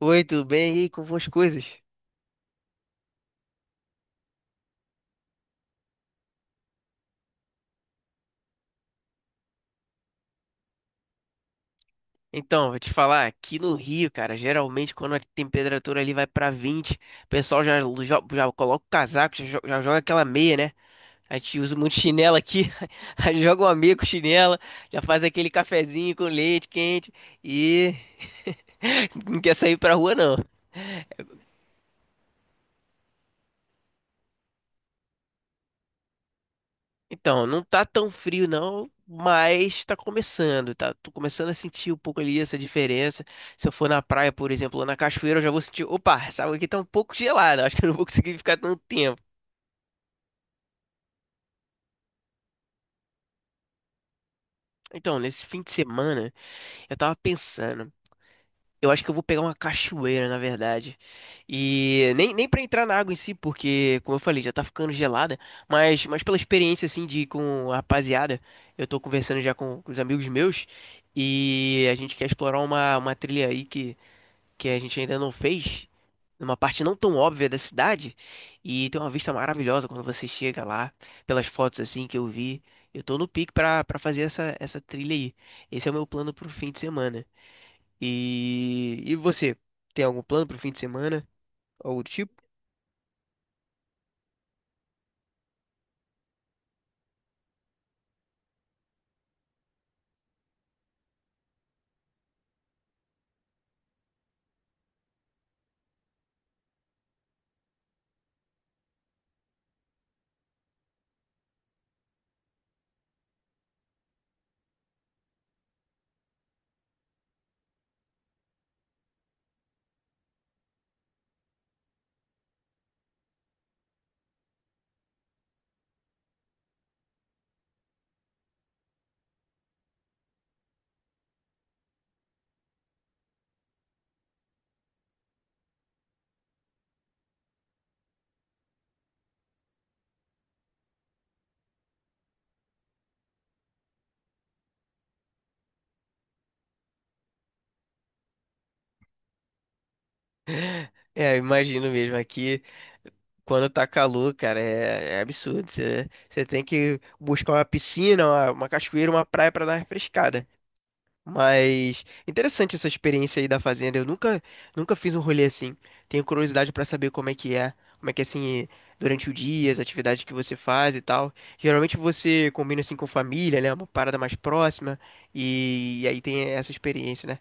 Oi, tudo bem? E aí, como vão as coisas? Então, vou te falar, aqui no Rio, cara, geralmente quando a temperatura ali vai pra 20, o pessoal já coloca o casaco, já joga aquela meia, né? A gente usa muito chinelo aqui, aí joga uma meia com chinela, já faz aquele cafezinho com leite quente e não quer sair pra rua não. Então, não tá tão frio não, mas tá começando, tá? Tô começando a sentir um pouco ali essa diferença. Se eu for na praia, por exemplo, ou na cachoeira, eu já vou sentir, opa, essa água aqui tá um pouco gelada, acho que eu não vou conseguir ficar tanto tempo. Então, nesse fim de semana, eu tava pensando. Eu acho que eu vou pegar uma cachoeira, na verdade. E nem para entrar na água em si, porque, como eu falei, já tá ficando gelada. Mas pela experiência, assim, de ir com a rapaziada, eu tô conversando já com os amigos meus. E a gente quer explorar uma trilha aí que a gente ainda não fez, numa parte não tão óbvia da cidade. E tem uma vista maravilhosa quando você chega lá, pelas fotos, assim, que eu vi. Eu tô no pique pra fazer essa trilha aí. Esse é o meu plano pro fim de semana. E você, tem algum plano pro fim de semana? Algo do tipo? É, eu imagino mesmo. Aqui, quando tá calor, cara, é absurdo. Você tem que buscar uma piscina, uma cachoeira, uma praia pra dar uma refrescada. Mas interessante essa experiência aí da fazenda. Eu nunca fiz um rolê assim. Tenho curiosidade pra saber como é que é, como é que é assim durante o dia, as atividades que você faz e tal. Geralmente você combina assim com família, né? Uma parada mais próxima e aí tem essa experiência, né?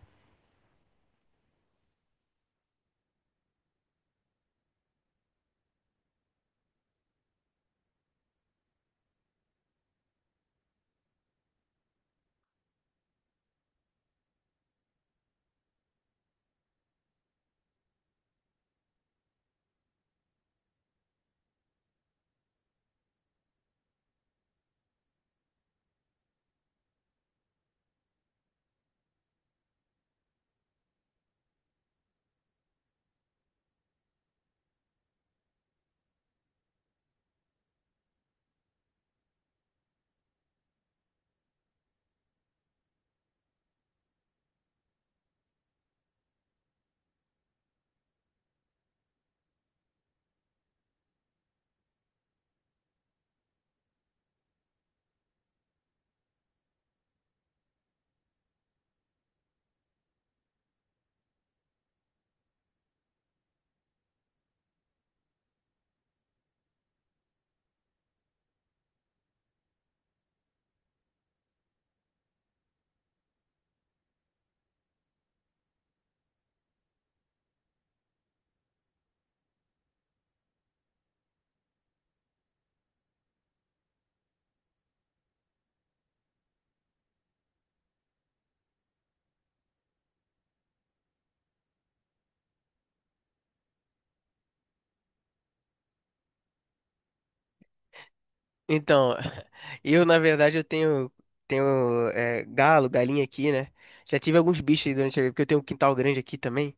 Então, eu na verdade eu tenho galo, galinha aqui, né? Já tive alguns bichos aí durante a vida, porque eu tenho um quintal grande aqui também.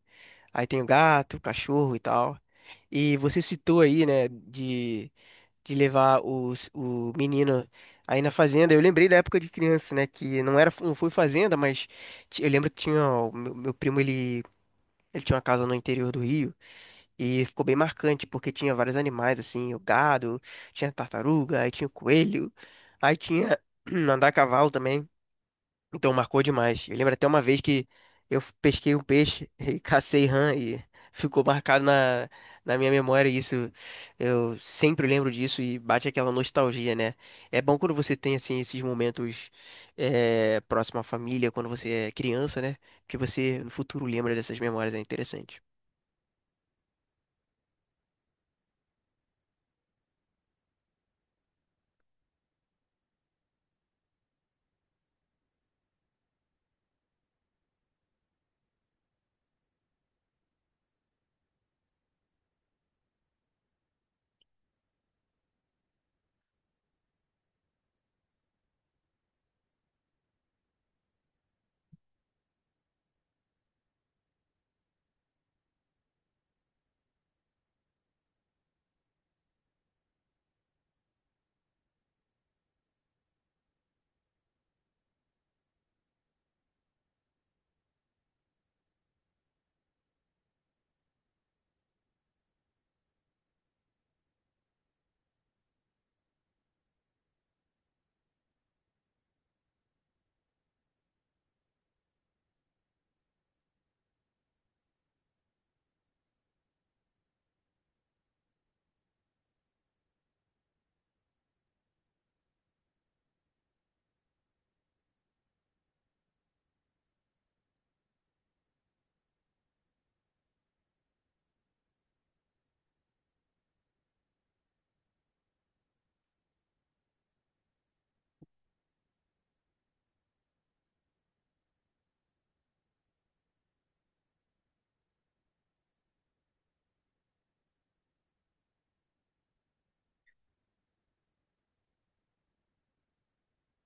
Aí tenho gato, cachorro e tal. E você citou aí, né, de levar o menino aí na fazenda. Eu lembrei da época de criança, né? Que não foi fazenda, mas eu lembro que tinha o meu primo, ele tinha uma casa no interior do Rio e ficou bem marcante porque tinha vários animais assim, o gado, tinha tartaruga, aí tinha o coelho, aí tinha andar a cavalo também. Então marcou demais. Eu lembro até uma vez que eu pesquei um peixe e cacei rã e ficou marcado na, na minha memória. Isso eu sempre lembro disso e bate aquela nostalgia, né? É bom quando você tem assim esses momentos próximo à família, quando você é criança, né? Que você no futuro lembra dessas memórias, é interessante.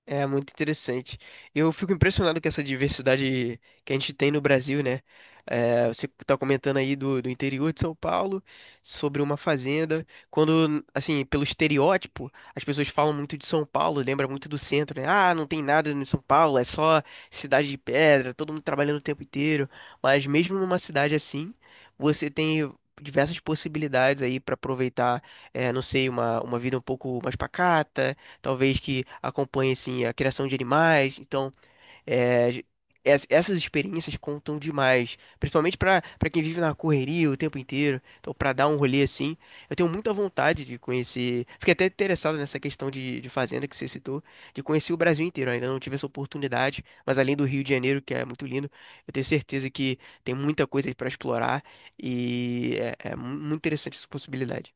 É muito interessante. Eu fico impressionado com essa diversidade que a gente tem no Brasil, né? É, você está comentando aí do interior de São Paulo, sobre uma fazenda. Quando, assim, pelo estereótipo, as pessoas falam muito de São Paulo, lembra muito do centro, né? Ah, não tem nada no São Paulo, é só cidade de pedra, todo mundo trabalhando o tempo inteiro. Mas mesmo numa cidade assim, você tem diversas possibilidades aí para aproveitar, é, não sei, uma vida um pouco mais pacata talvez que acompanhe assim a criação de animais. Então, é, j- essas experiências contam demais, principalmente para quem vive na correria o tempo inteiro. Então, para dar um rolê assim, eu tenho muita vontade de conhecer. Fiquei até interessado nessa questão de fazenda que você citou, de conhecer o Brasil inteiro. Ainda não tive essa oportunidade, mas além do Rio de Janeiro, que é muito lindo, eu tenho certeza que tem muita coisa para explorar e muito interessante essa possibilidade.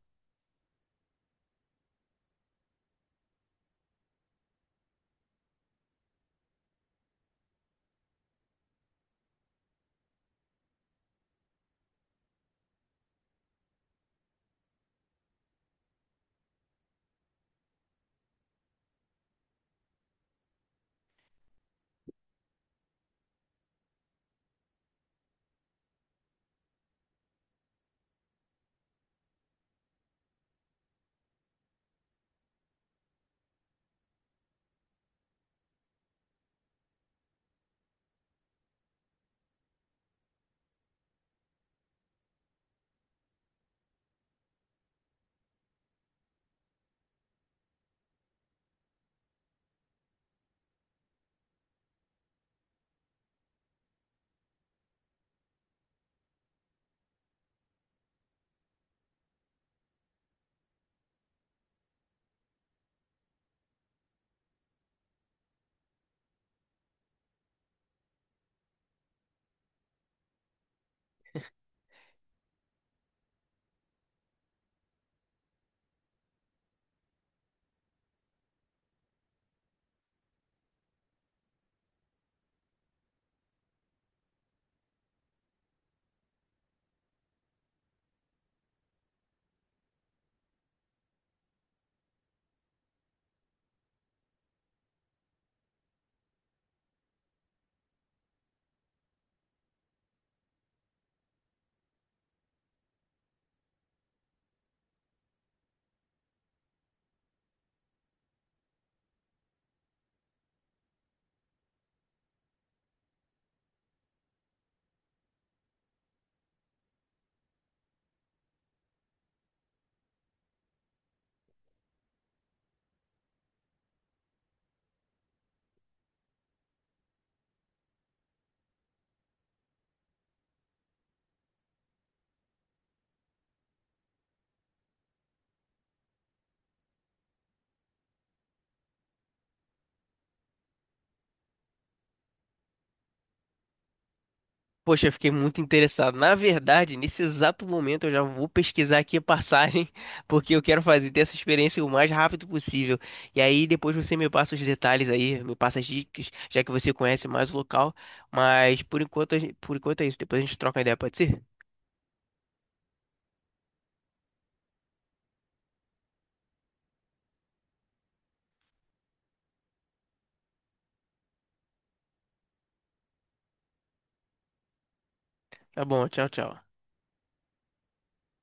Poxa, eu fiquei muito interessado. Na verdade, nesse exato momento eu já vou pesquisar aqui a passagem, porque eu quero fazer ter essa experiência o mais rápido possível. E aí depois você me passa os detalhes aí, me passa as dicas, já que você conhece mais o local. Mas por enquanto, por enquanto é isso. Depois a gente troca ideia, pode ser? Tá bom, tchau, tchau.